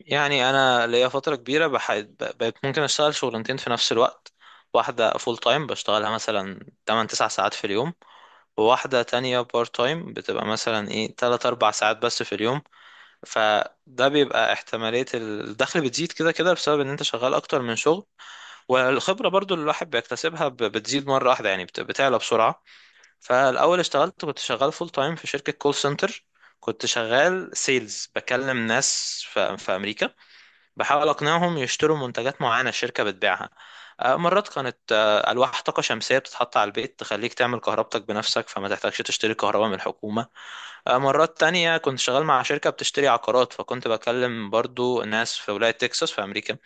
يعني انا ليا فتره كبيره بقيت ممكن اشتغل شغلانتين في نفس الوقت. واحده فول تايم بشتغلها مثلا 8 9 ساعات في اليوم، وواحده تانية بارت تايم بتبقى مثلا ايه 3 4 ساعات بس في اليوم. فده بيبقى احتماليه الدخل بتزيد كده كده بسبب ان انت شغال اكتر من شغل، والخبره برضو اللي الواحد بيكتسبها بتزيد مره واحده، يعني بتعلى بسرعه. فالاول اشتغلت، كنت شغال فول تايم في شركه كول سنتر. كنت شغال سيلز، بكلم ناس في امريكا، بحاول اقنعهم يشتروا منتجات معينه الشركه بتبيعها. مرات كانت الواح طاقه شمسيه بتتحط على البيت تخليك تعمل كهربتك بنفسك فما تحتاجش تشتري كهرباء من الحكومه. مرات تانية كنت شغال مع شركه بتشتري عقارات، فكنت بكلم برضو ناس في ولايه تكساس في امريكا.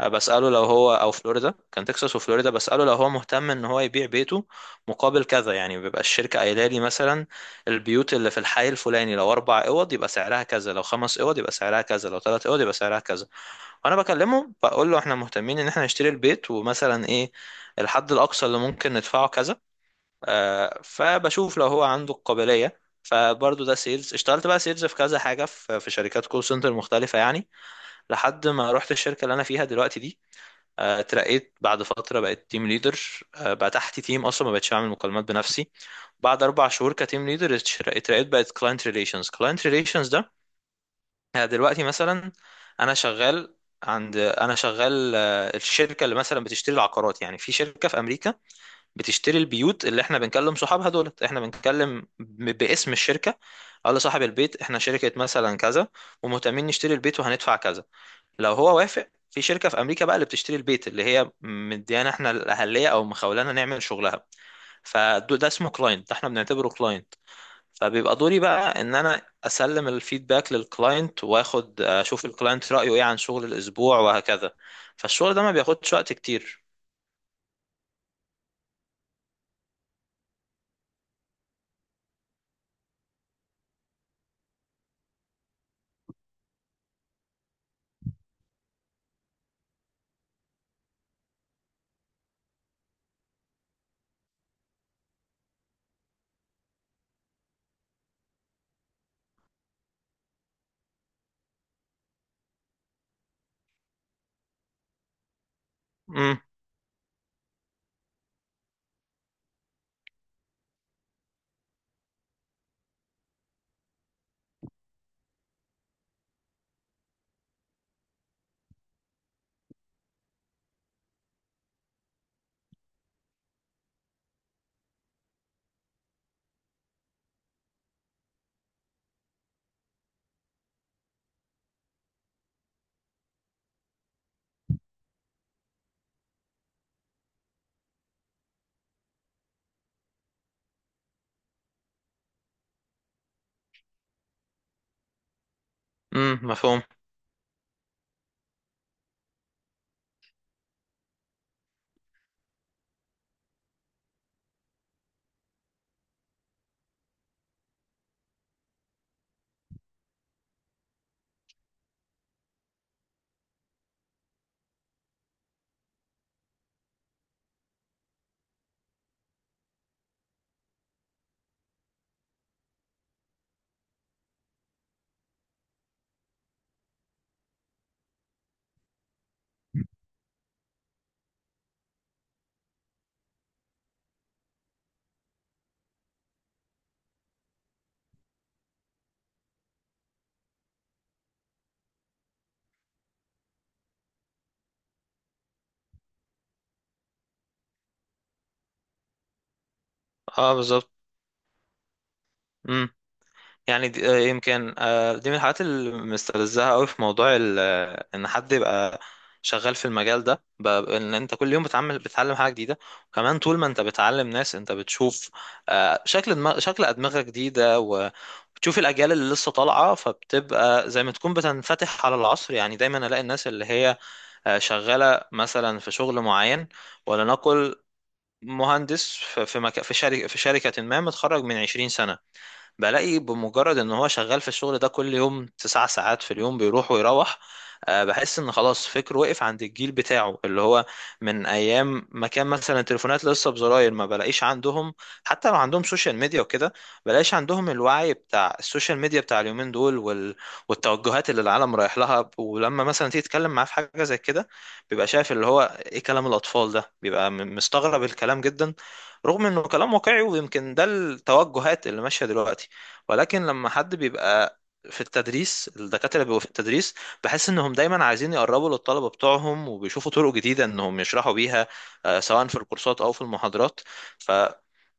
بساله لو هو او فلوريدا، كان تكساس وفلوريدا، بساله لو هو مهتم ان هو يبيع بيته مقابل كذا. يعني بيبقى الشركه قايله لي مثلا البيوت اللي في الحي الفلاني، لو اربع اوض يبقى سعرها كذا، لو خمس اوض يبقى سعرها كذا، لو ثلاث اوض يبقى سعرها كذا. انا بكلمه، بقول له احنا مهتمين ان احنا نشتري البيت ومثلا ايه الحد الاقصى اللي ممكن ندفعه كذا. آه، فبشوف لو هو عنده القابليه. فبرضه ده سيلز. اشتغلت بقى سيلز في كذا حاجه في شركات كول سنتر مختلفه يعني، لحد ما رحت الشركه اللي انا فيها دلوقتي دي. اترقيت بعد فتره، بقيت تيم ليدر. آه، بقى تحت تيم، اصلا ما بقتش اعمل مكالمات بنفسي. بعد اربع شهور كتيم ليدر اترقيت، بقيت كلاينت ريليشنز. كلاينت ريليشنز يعني دلوقتي مثلا انا شغال عند، انا شغال الشركه اللي مثلا بتشتري العقارات، يعني في شركه في امريكا بتشتري البيوت، اللي احنا بنكلم صحابها دولت، احنا بنتكلم باسم الشركه. قال لصاحب البيت احنا شركه مثلا كذا، ومهتمين نشتري البيت وهندفع كذا. لو هو وافق، في شركه في امريكا بقى اللي بتشتري البيت، اللي هي مديانا احنا الاهليه او مخولانا نعمل شغلها. فده اسمه كلاينت، ده احنا بنعتبره كلاينت. فبيبقى دوري بقى ان انا اسلم الفيدباك للكلاينت، واخد اشوف الكلاينت رايه ايه عن شغل الاسبوع، وهكذا. فالشغل ده ما بياخدش وقت كتير. امم امم، مفهوم. اه، بالظبط. يعني دي يمكن، دي من الحاجات اللي مستفزها قوي في موضوع ان حد يبقى شغال في المجال ده، ان انت كل يوم بتعمل، بتتعلم حاجه جديده. وكمان طول ما انت بتعلم ناس، انت بتشوف شكل دماغ، شكل ادمغه جديده، وبتشوف الاجيال اللي لسه طالعه، فبتبقى زي ما تكون بتنفتح على العصر. يعني دايما الاقي الناس اللي هي شغاله مثلا في شغل معين، ولنقل مهندس في شركه ما، متخرج من 20 سنه، بلاقي بمجرد ان هو شغال في الشغل ده كل يوم تسع ساعات في اليوم، بيروح ويروح. بحس ان خلاص فكره وقف عند الجيل بتاعه، اللي هو من ايام ما كان مثلا التليفونات لسه بزراير. ما بلاقيش عندهم، حتى لو عندهم سوشيال ميديا وكده، بلاقيش عندهم الوعي بتاع السوشيال ميديا بتاع اليومين دول، والتوجهات اللي العالم رايح لها. ولما مثلا تيجي تتكلم معاه في حاجة زي كده، بيبقى شايف اللي هو ايه كلام الاطفال ده، بيبقى مستغرب الكلام جدا، رغم انه كلام واقعي ويمكن ده التوجهات اللي ماشية دلوقتي. ولكن لما حد بيبقى في التدريس، الدكاترة بيبقوا في التدريس، بحس انهم دايما عايزين يقربوا للطلبة بتوعهم، وبيشوفوا طرق جديدة انهم يشرحوا بيها، سواء في الكورسات او في المحاضرات. ف،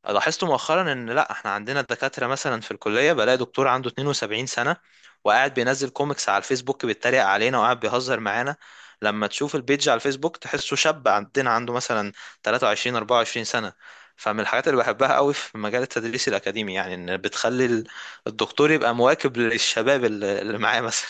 لاحظت مؤخرا ان لا، احنا عندنا دكاترة مثلا في الكلية، بلاقي دكتور عنده 72 سنة وقاعد بينزل كوميكس على الفيسبوك، بيتريق علينا وقاعد بيهزر معانا. لما تشوف البيج على الفيسبوك تحسه شاب عندنا عنده مثلا 23 24 سنة. فمن الحاجات اللي بحبها قوي في مجال التدريس الأكاديمي، يعني ان بتخلي الدكتور يبقى مواكب للشباب اللي معاه مثلا.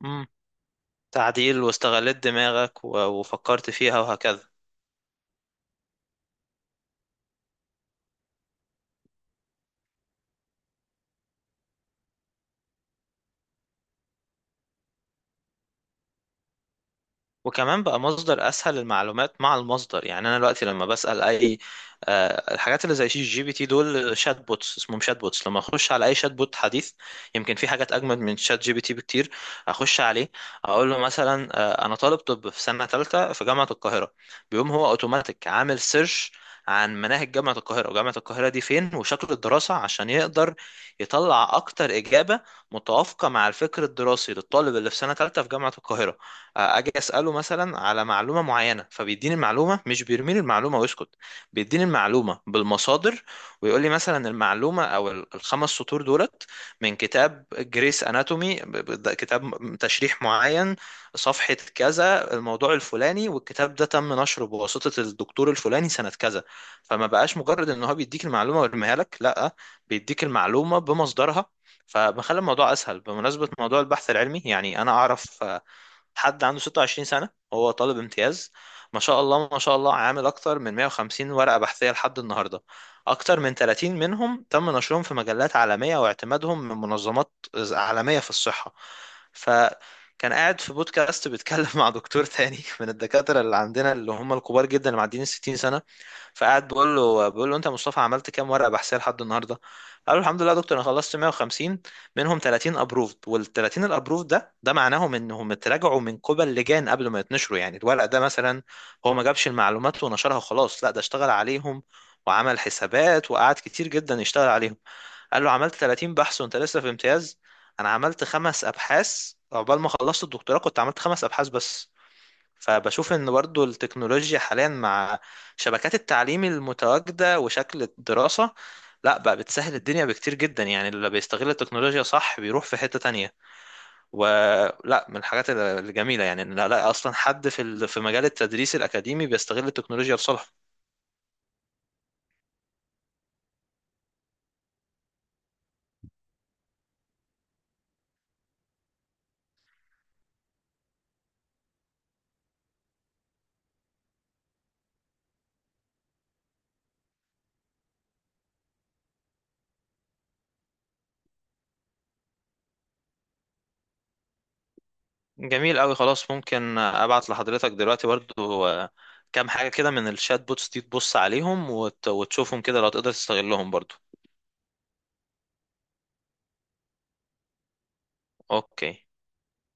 مم. تعديل، واستغلت دماغك وفكرت فيها وهكذا. وكمان بقى مصدر اسهل للمعلومات مع المصدر. يعني انا دلوقتي لما بسال اي الحاجات اللي زي شات جي بي تي دول، شات بوتس اسمهم، شات بوتس، لما اخش على اي شات بوت حديث، يمكن في حاجات اجمد من شات جي بي تي بكتير، اخش عليه اقول له مثلا انا طالب طب في سنه ثالثه في جامعه القاهره، بيقوم هو اوتوماتيك عامل سيرش عن مناهج جامعة القاهرة، وجامعة القاهرة دي فين، وشكل الدراسة، عشان يقدر يطلع أكتر إجابة متوافقة مع الفكر الدراسي للطالب اللي في سنة ثالثة في جامعة القاهرة. اجي اساله مثلا على معلومه معينه، فبيديني المعلومه، مش بيرميني المعلومه ويسكت، بيديني المعلومه بالمصادر، ويقول لي مثلا المعلومه او الخمس سطور دولت من كتاب جريس اناتومي، كتاب تشريح معين، صفحه كذا، الموضوع الفلاني، والكتاب ده تم نشره بواسطه الدكتور الفلاني سنه كذا. فما بقاش مجرد ان هو بيديك المعلومه ويرميها لك، لا، بيديك المعلومه بمصدرها، فبخلي الموضوع اسهل. بمناسبه موضوع البحث العلمي، يعني انا اعرف حد عنده 26 سنة، هو طالب امتياز، ما شاء الله ما شاء الله، عامل أكتر من 150 ورقة بحثية لحد النهاردة، أكتر من 30 منهم تم نشرهم في مجلات عالمية واعتمادهم من منظمات عالمية في الصحة. فكان قاعد في بودكاست بيتكلم مع دكتور تاني من الدكاترة اللي عندنا، اللي هم الكبار جدا اللي معديين ال 60 سنة. فقعد بقول له، انت يا مصطفى عملت كام ورقه بحثيه لحد النهارده؟ قال له الحمد لله يا دكتور، انا خلصت 150، منهم 30 ابروفد. وال 30 الابروفد ده معناهم انهم اتراجعوا من قبل لجان قبل ما يتنشروا. يعني الورق ده مثلا هو ما جابش المعلومات ونشرها وخلاص، لا، ده اشتغل عليهم وعمل حسابات وقعد كتير جدا يشتغل عليهم. قال له عملت 30 بحث وانت لسه في امتياز، انا عملت خمس ابحاث. عقبال ما خلصت الدكتوراه كنت عملت خمس ابحاث بس. فبشوف ان برضو التكنولوجيا حاليا مع شبكات التعليم المتواجدة وشكل الدراسة، لا بقى بتسهل الدنيا بكتير جدا. يعني اللي بيستغل التكنولوجيا صح بيروح في حتة تانية. ولا من الحاجات الجميلة يعني ان لا لا، اصلا حد في مجال التدريس الأكاديمي بيستغل التكنولوجيا لصالحه. جميل قوي، خلاص ممكن ابعت لحضرتك دلوقتي برضو، كام حاجة كده من الشات بوتس دي، تبص عليهم وتشوفهم كده لو تقدر تستغلهم برضو. اوكي.